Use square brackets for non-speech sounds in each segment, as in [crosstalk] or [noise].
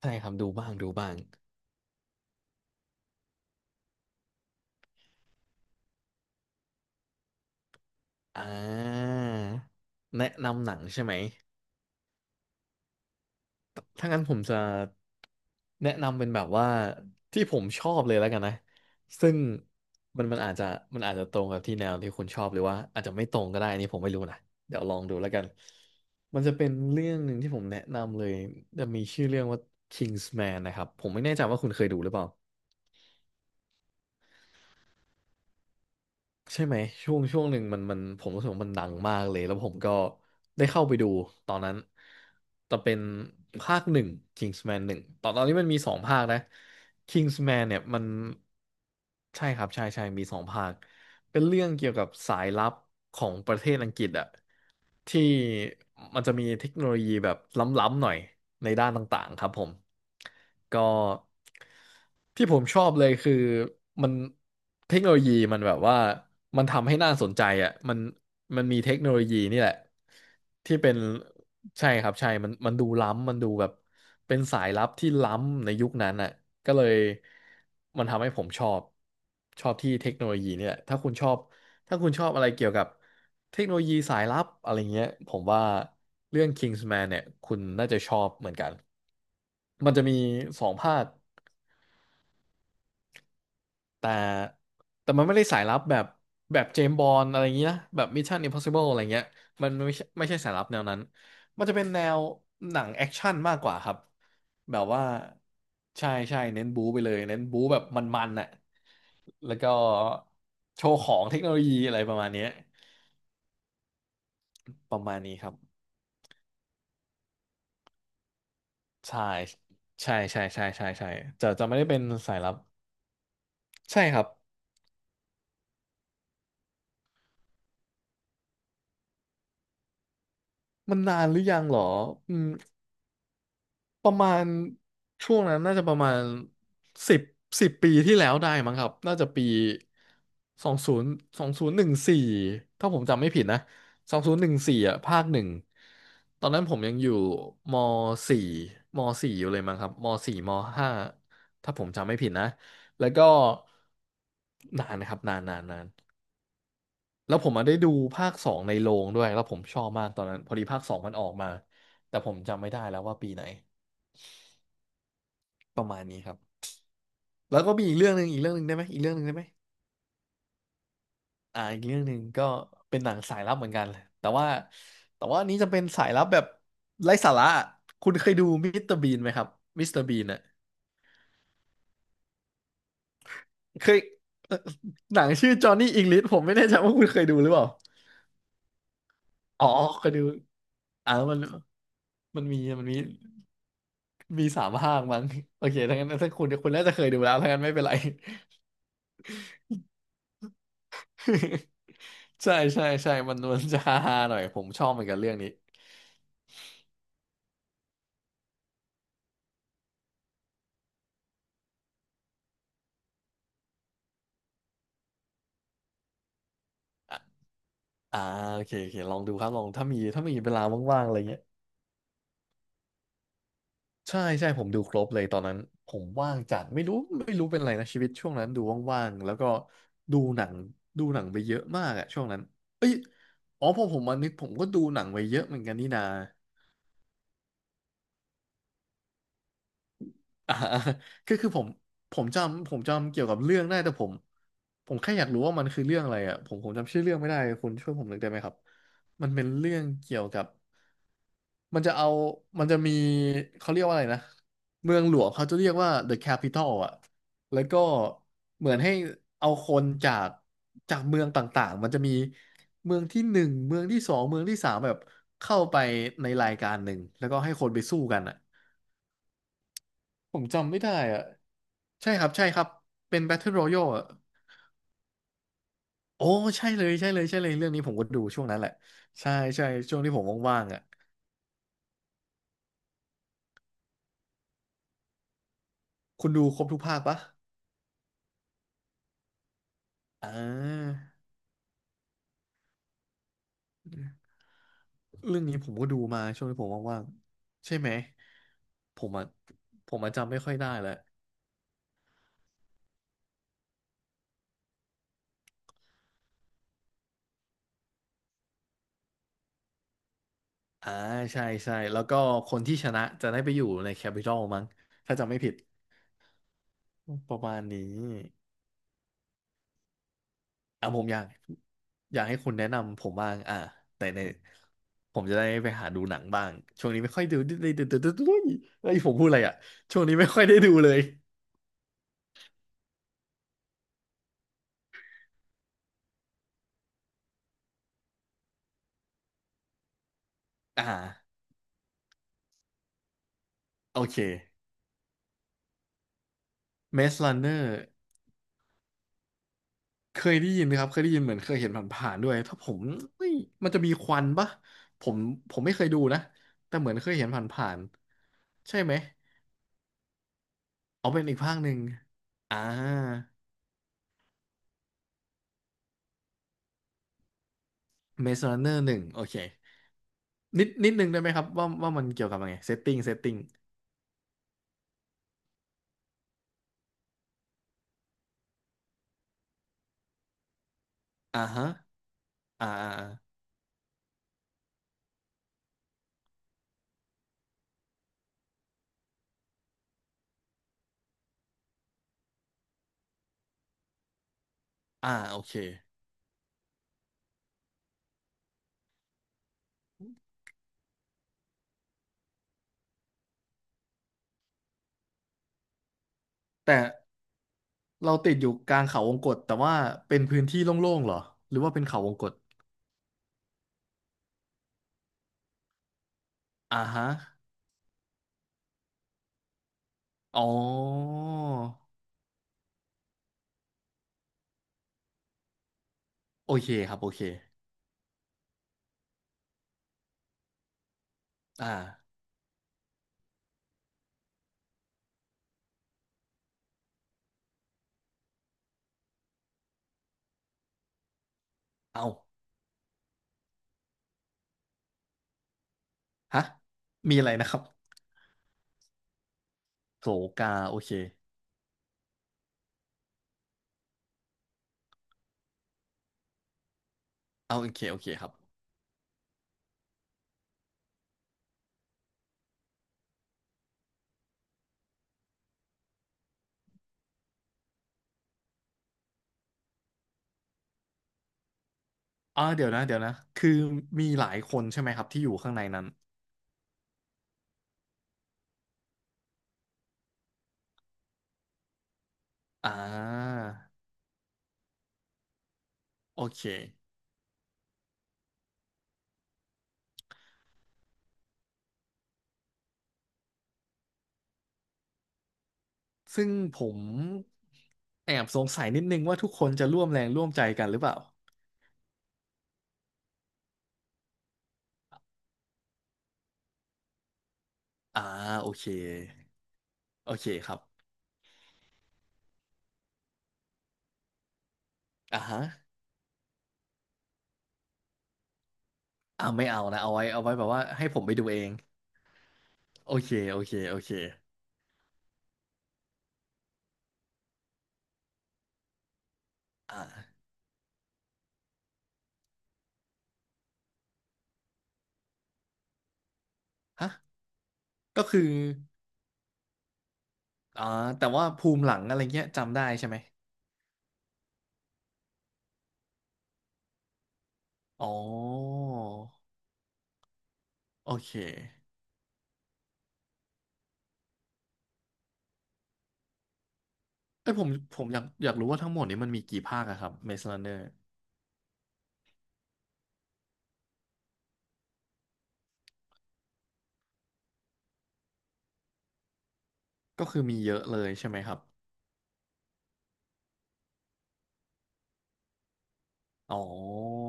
ใช่ครับดูบ้างดูบ้างอ่าแนะนำหนังใช่ไหมถ้างั้นผมจะแนะนำเป็นแบบว่าที่ผมชอบเลยแล้วกันนะซึ่งมันอาจจะมันอาจจะตรงกับที่แนวที่คุณชอบหรือว่าอาจจะไม่ตรงก็ได้นี่ผมไม่รู้นะเดี๋ยวลองดูแล้วกันมันจะเป็นเรื่องหนึ่งที่ผมแนะนำเลยจะมีชื่อเรื่องว่า Kingsman นะครับผมไม่แน่ใจว่าคุณเคยดูหรือเปล่า ใช่ไหมช่วงหนึ่งมันผมรู้สึกว่ามันดังมากเลยแล้วผมก็ได้เข้าไปดูตอนนั้นแต่เป็นภาคหนึ่ง Kingsman หนึ่งตอนนี้มันมีสองภาคนะ Kingsman เนี่ยมันใช่ครับใช่ใช่มีสองภาค เป็นเรื่องเกี่ยวกับสายลับของประเทศอังกฤษอะที่มันจะมีเทคโนโลยีแบบล้ำๆหน่อยในด้านต่างๆครับผมก็ที่ผมชอบเลยคือมันเทคโนโลยีมันแบบว่ามันทำให้น่าสนใจอะมันมันมีเทคโนโลยีนี่แหละ ที่เป็นใช่ครับใช่มันดูล้ำมันดูแบบเป็นสายลับที่ล้ำในยุคนั้นอ่ะก็เลยมันทำให้ผมชอบชอบที่เทคโนโลยีเนี่ยแหละถ้าคุณชอบถ้าคุณชอบอะไรเกี่ยวกับเทคโนโลยีสายลับอะไรเงี้ยผมว่าเรื่อง Kingsman เนี่ยคุณน่าจะชอบเหมือนกันมันจะมีสองภาค แต่แต่มันไม่ได้สายลับแบบแบบเจมส์บอนด์อะไรอย่างเงี้ยนะแบบ Mission Impossible อะไรเงี้ยมันไม่ใช่ไม่ใช่สายลับแนวนั้นมันจะเป็นแนวหนังแอคชั่นมากกว่าครับแบบว่าใช่ใช่เน้นบู๊ไปเลยเน้นบู๊แบบมันๆน่ะแล้วก็โชว์ของเทคโนโลยีอะไรประมาณเนี้ยประมาณนี้ครับใช่ใช่ใช่ใช่ใช่ใช่จะไม่ได้เป็นสายลับใช่ครับมันนานหรือยังเหรออืม ประมาณช่วงนั้นน่าจะประมาณสิบสิบปีที่แล้วได้มั้งครับน่าจะปี2014ถ้าผมจำไม่ผิดนะสองศูนย์หนึ่งสี่อ่ะภาคหนึ่งตอนนั้นผมยังอยู่มสี่มสี่อยู่เลยมั้งครับมสี่มห้าถ้าผมจำไม่ผิดนะแล้วก็นานนะครับนานนานนานแล้วผมมาได้ดูภาคสองในโรงด้วยแล้วผมชอบมากตอนนั้นพอดีภาคสองมันออกมาแต่ผมจำไม่ได้แล้วว่าปีไหนประมาณนี้ครับ แล้วก็มีอีกเรื่องหนึ่งอีกเรื่องหนึ่งได้ไหมอีกเรื่องหนึ่งได้ไหมอ่าอีกเรื่องหนึ่งก็เป็นหนังสายลับเหมือนกันเลยแต่ว่าแต่ว่าอันนี้จะเป็นสายลับแบบไร้สาระคุณเคยดูมิสเตอร์บีนไหมครับมิสเตอร์บีนอ่ะเคยเอ่อหนังชื่อจอห์นนี่อิงลิชผมไม่แน่ใจว่าคุณเคยดูหรือเปล่าอ๋อเคยดูอ่ามันมันมีมีสามภาคมั้งโอเคถ้างั้นถ้าคุณคุณน่าจะเคยดูแล้วถ้างั้นไม่เป็นไร [laughs] ใช่ใช่ใช่มันจะฮาๆหน่อยผมชอบเหมือนกันเรื่องนี้ อ่าโอเคโอเคลองดูครับลองถ้ามีเวลาว่างๆอะไรเงี้ยใช่ใช่ผมดูครบเลยตอนนั้นผมว่างจัดไม่รู้ไม่รู้เป็นอะไรนะชีวิตช่วงนั้นดูว่างๆแล้วก็ดูหนังดูหนังไปเยอะมากอะช่วงนั้นเอ้ยอ๋อพอผมมานึกผมก็ดูหนังไปเยอะเหมือนกันนี่นา อ่า [laughs] ก็คือผมผมจำเกี่ยวกับเรื่องได้แต่ผมผมแค่อยากรู้ว่ามันคือเรื่องอะไรอ่ะผมผมจำชื่อเรื่องไม่ได้คุณช่วยผมหน่อยได้ไหมครับมันเป็นเรื่องเกี่ยวกับมันจะเอามันจะมีเขาเรียกว่าอะไรนะเมืองหลวงเขาจะเรียกว่า the capital อ่ะแล้วก็เหมือนให้เอาคนจากจากเมืองต่างๆมันจะมีเมืองที่หนึ่งเมืองที่สองเมืองที่สามแบบเข้าไปในรายการหนึ่งแล้วก็ให้คนไปสู้กันอ่ะ ผมจำไม่ได้อะใช่ครับใช่ครับเป็น Battle Royale อ่ะโอ้ใช่เลยใช่เลยใช่เลยเรื่องนี้ผมก็ดูช่วงนั้นแหละใช่ใช่ช่วงที่ผมว่างๆอ่ะคุณดูครบทุกภาคปะอ่าเรื่องนี้ผมก็ดูมาช่วงที่ผมว่างๆใช่ไหมผมอ่ะผมอ่ะจำไม่ค่อยได้แล้วอ่าใช่ใช่แล้วก็คนที่ชนะจะได้ไปอยู่ในแคปิตอลมั้งถ้าจำไม่ผิดประมาณนี้ อ่ะผมอยากให้คุณแนะนำผมบ้างอ่ะแต่ในผมจะได้ไปหาดูหนังบ้างช่วงนี้ไม่ค่อยดูเฮ้ยผมพูดอะไรอ่ะช่วงนี้ไม่ค่อยได้ดูเลยอ่าโอเค Maze Runner เคยได้ยินนะครับเคยได้ยินเหมือนเคยเห็นผ่านๆด้วยถ้าผมเฮ้ยมันจะมีควันปะผมผมไม่เคยดูนะแต่เหมือนเคยเห็นผ่านๆใช่ไหมเอาเป็นอีกภาคหนึ่งอ่า Maze Runner หนึ่งโอเค นิดนึงได้ไหมครับว่ามันเกี่ยวกับอะไรเซตติ้งเซตติ้งอ่าฮะอ่าอ่าโอเคแต่เราติดอยู่กลางเขาวงกตแต่ว่าเป็นพื้นที่โล่งๆเหรอหรือว่าเป็นเขาวงกตอ่าฮะอ๋อโอเคครับโอเคอ่าเอาฮะมีอะไรนะครับโสกาโอเคเอาโอเคโอเคครับอ่าเดี๋ยวนะคือมีหลายคนใช่ไหมครับที่อยู่ข้างในนั้นอ่าโอเค ซึ่งผมแอบสงสัยนิดนึงว่าทุกคนจะร่วมแรงร่วมใจกันหรือเปล่าอ่าโอเคโอเคครับอ่าฮะอ่าไม่เอานะเอาไว้แบบว่าให้ผมไปดูเองโอเคโอเคโอเคอ่าฮะก็คืออ่าแต่ว่าภูมิหลังอะไรเงี้ยจำได้ใช่ไหมอ๋อโอเคเอ้ยผมอยากรู้ว่าทั้งหมดนี้มันมีกี่ภาคอะครับ Maze Runner ก็คือมีเยอะเลยใช่ไหมครับอ๋อ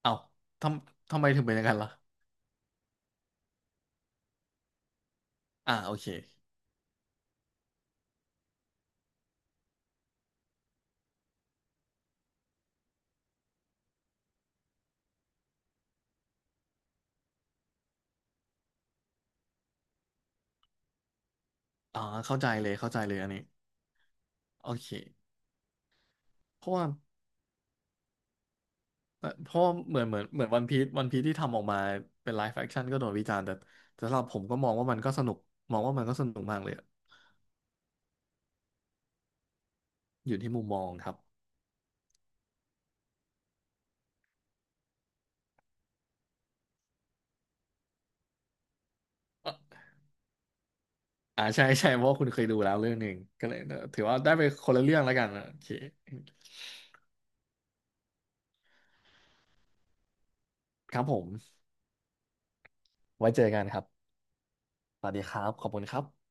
เอ้าททำไมถึงเป็นอย่างนั้นล่ะ อ่าโอเคอ่าเข้าใจเลยอันนี้โอเคเพราะว่าเพราะเหมือนวันพีซที่ทำออกมาเป็นไลฟ์แอคชั่นก็โดนวิจารณ์แต่แต่สำหรับผมก็มองว่ามันก็สนุกมองว่ามันก็สนุกมากเลยอะอยู่ที่มุมมองครับอ่อ่าใช่ใช่เพราะว่าคุณเคยดูแล้วเรื่องหนึ่งก็เลยเอ่อถือว่าได้ไปคนละเรื่องแล้วกันอ่ะโอเคครับผมไว้เจอกันครับสวัสดีครับขอบคุณครับ